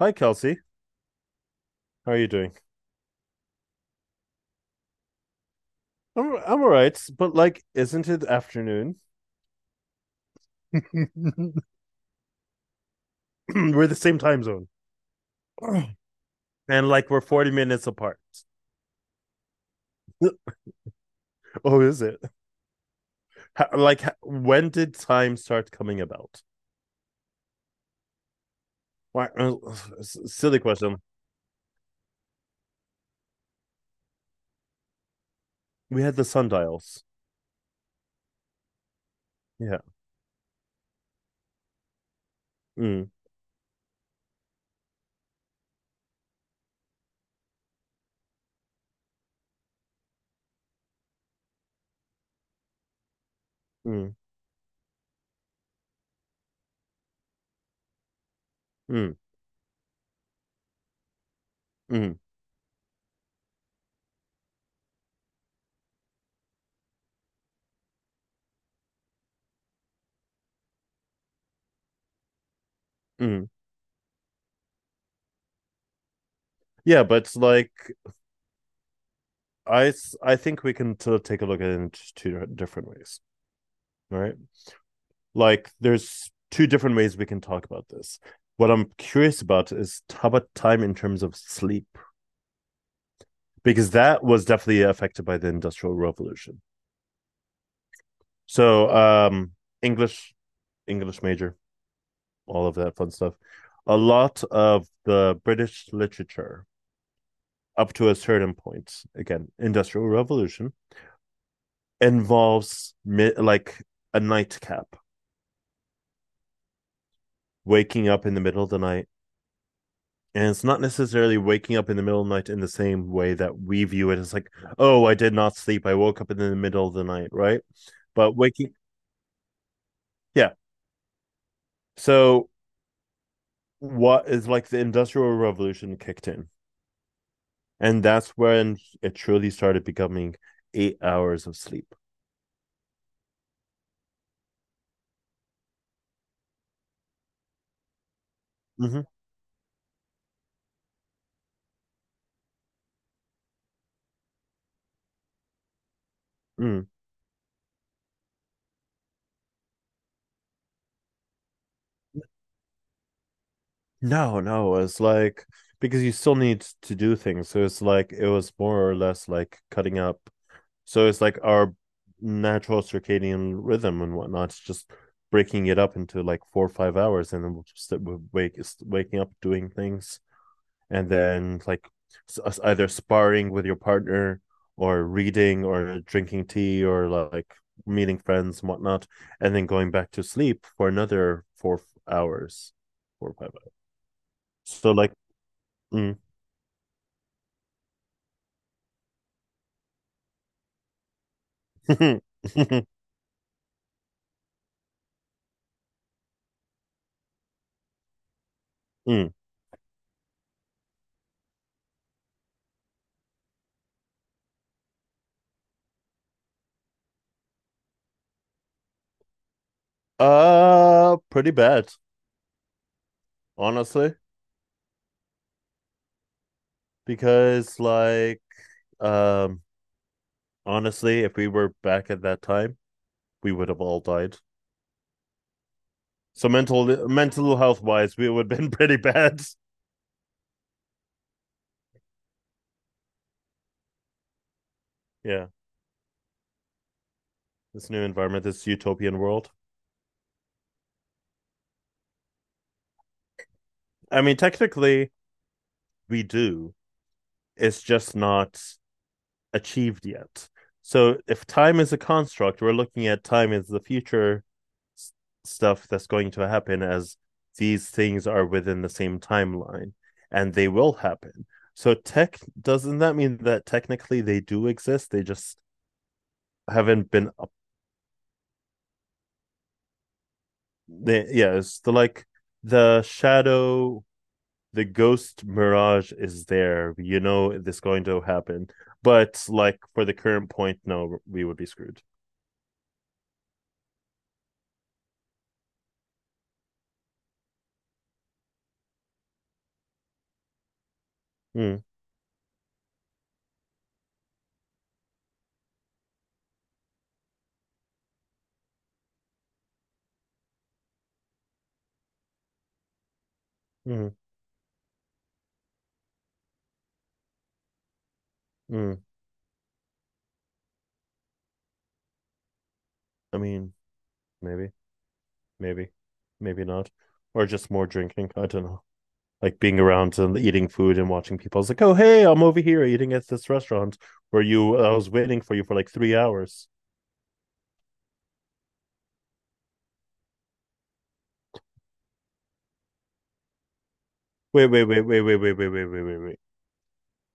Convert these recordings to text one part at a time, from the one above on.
Hi, Kelsey. How are you doing? I'm all right, but like, isn't it afternoon? We're the same time zone, and like we're 40 minutes apart. Oh, is it? How, like, when did time start coming about? Why? Silly question. We had the sundials. Yeah. Mm, mm, mm, mm, mm. Yeah, but like, I think we can take a look at it in two different ways. Right? Like there's two different ways we can talk about this. What I'm curious about is how about time in terms of sleep? Because that was definitely affected by the Industrial Revolution. So English, English major, all of that fun stuff. A lot of the British literature up to a certain point, again, Industrial Revolution, involves like a nightcap, waking up in the middle of the night, and it's not necessarily waking up in the middle of the night in the same way that we view it as like, "Oh, I did not sleep, I woke up in the middle of the night," right? But waking yeah, so what is like the Industrial Revolution kicked in, and that's when it truly started becoming 8 hours of sleep. Hmm. Mm. No, no, it's like because you still need to do things, so it's like it was more or less like cutting up. So it's like our natural circadian rhythm and whatnot. It's just breaking it up into like 4 or 5 hours, and then we'll just wake waking up doing things, and then like either sparring with your partner or reading or drinking tea or like meeting friends and whatnot, and then going back to sleep for another 4 hours, 4 or 5 hours. So like, mm, mm, pretty bad, honestly, because like Um, honestly, if we were back at that time, we would have all died. So mental health wise, we would have been pretty bad. Yeah, this new environment, this utopian world. I mean, technically, we do. It's just not achieved yet. So if time is a construct, we're looking at time as the future, s- stuff that's going to happen as these things are within the same timeline and they will happen. So tech doesn't that mean that technically they do exist? They just haven't been up. Yeah, it's the shadow, the ghost mirage is there. It's going to happen. But like for the current point, no, we would be screwed. Mm, mm, mm. I mean, maybe, maybe, maybe not, or just more drinking. I don't know. Like being around and eating food and watching people. It's like, "Oh, hey, I'm over here eating at this restaurant where you. I was waiting for you for like 3 hours." Wait, wait, wait, wait, wait, wait, wait, wait, wait, wait, wait.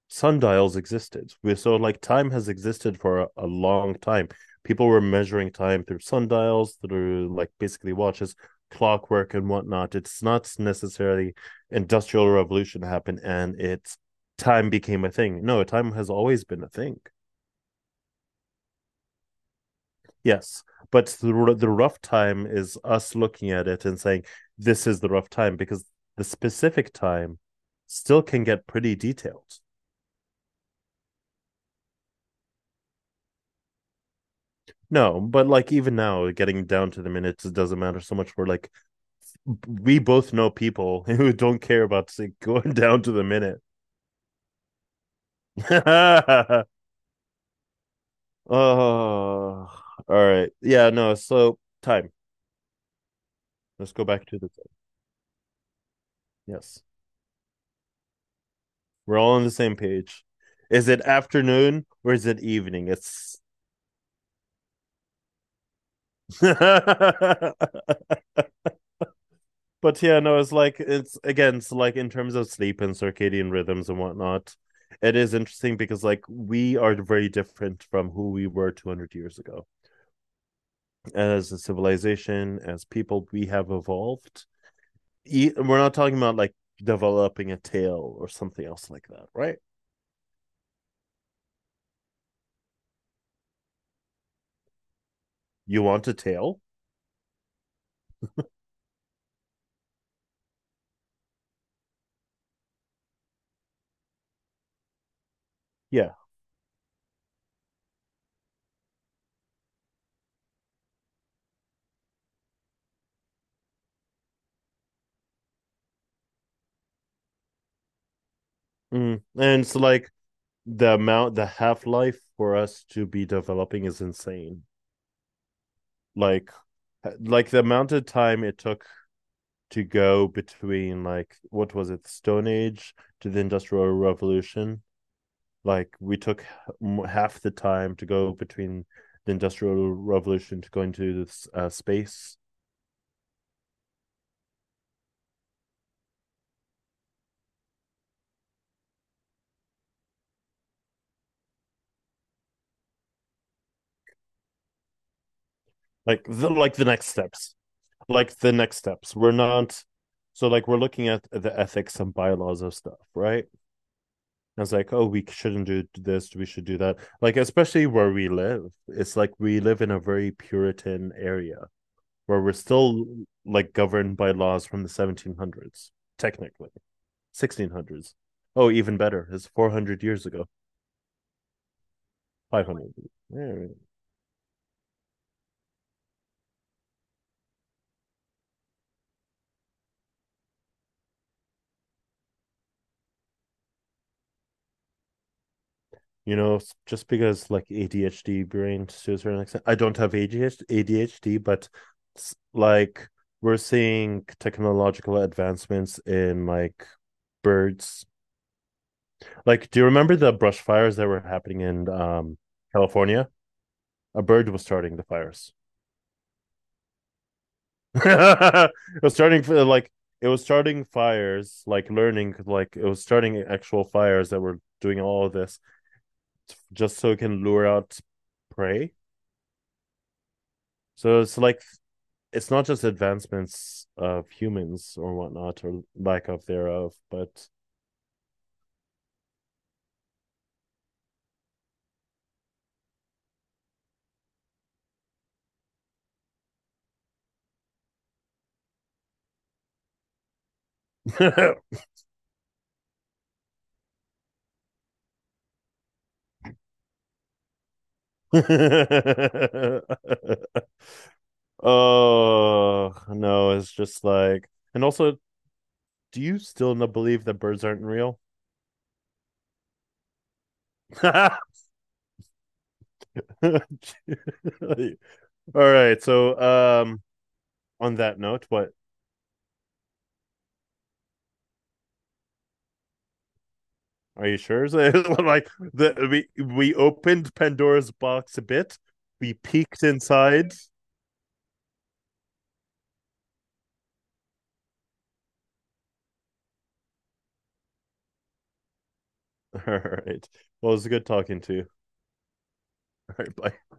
Sundials existed. We so like time has existed for a long time. People were measuring time through sundials, through like basically watches, clockwork, and whatnot. It's not necessarily industrial revolution happened and it's time became a thing. No, time has always been a thing. Yes, but the rough time is us looking at it and saying this is the rough time because the specific time still can get pretty detailed. No, but like even now, getting down to the minutes, it doesn't matter so much. We're like, we both know people who don't care about going down to the minute. Oh, all right. Yeah, no. So time. Let's go back to the time. Yes, we're all on the same page. Is it afternoon or is it evening? It's. But yeah, no, it's like it's again, it's like in terms of sleep and circadian rhythms and whatnot, it is interesting because like we are very different from who we were 200 years ago. As a civilization, as people, we have evolved. We're not talking about like developing a tail or something else like that, right? You want a tail? Yeah. Mm. And it's like the amount, the half life for us to be developing is insane. Like, like the amount of time it took to go between like what was it, the Stone Age to the Industrial Revolution. Like we took half the time to go between the Industrial Revolution to going to this space. Like the next steps. Like the next steps. We're not so like we're looking at the ethics and bylaws of stuff, right? And it's like, oh, we shouldn't do this, we should do that. Like, especially where we live, it's like we live in a very Puritan area where we're still like governed by laws from the 1700s, technically 1600s. Oh, even better, it's 400 years ago, 500. Yeah. You know, just because like ADHD brain to a certain extent, I don't have ADHD, but like we're seeing technological advancements in like birds. Like, do you remember the brush fires that were happening in California? A bird was starting the fires. it was starting for like it was starting fires, like learning, like it was starting actual fires that were doing all of this just so it can lure out prey. So it's like it's not just advancements of humans or whatnot or lack of thereof, but oh, no, it's just like and also, do you still not believe that birds aren't real? All right, so on that note, what? Are you sure? Like the we opened Pandora's box a bit. We peeked inside. All right. Well, it was good talking to you. All right, bye.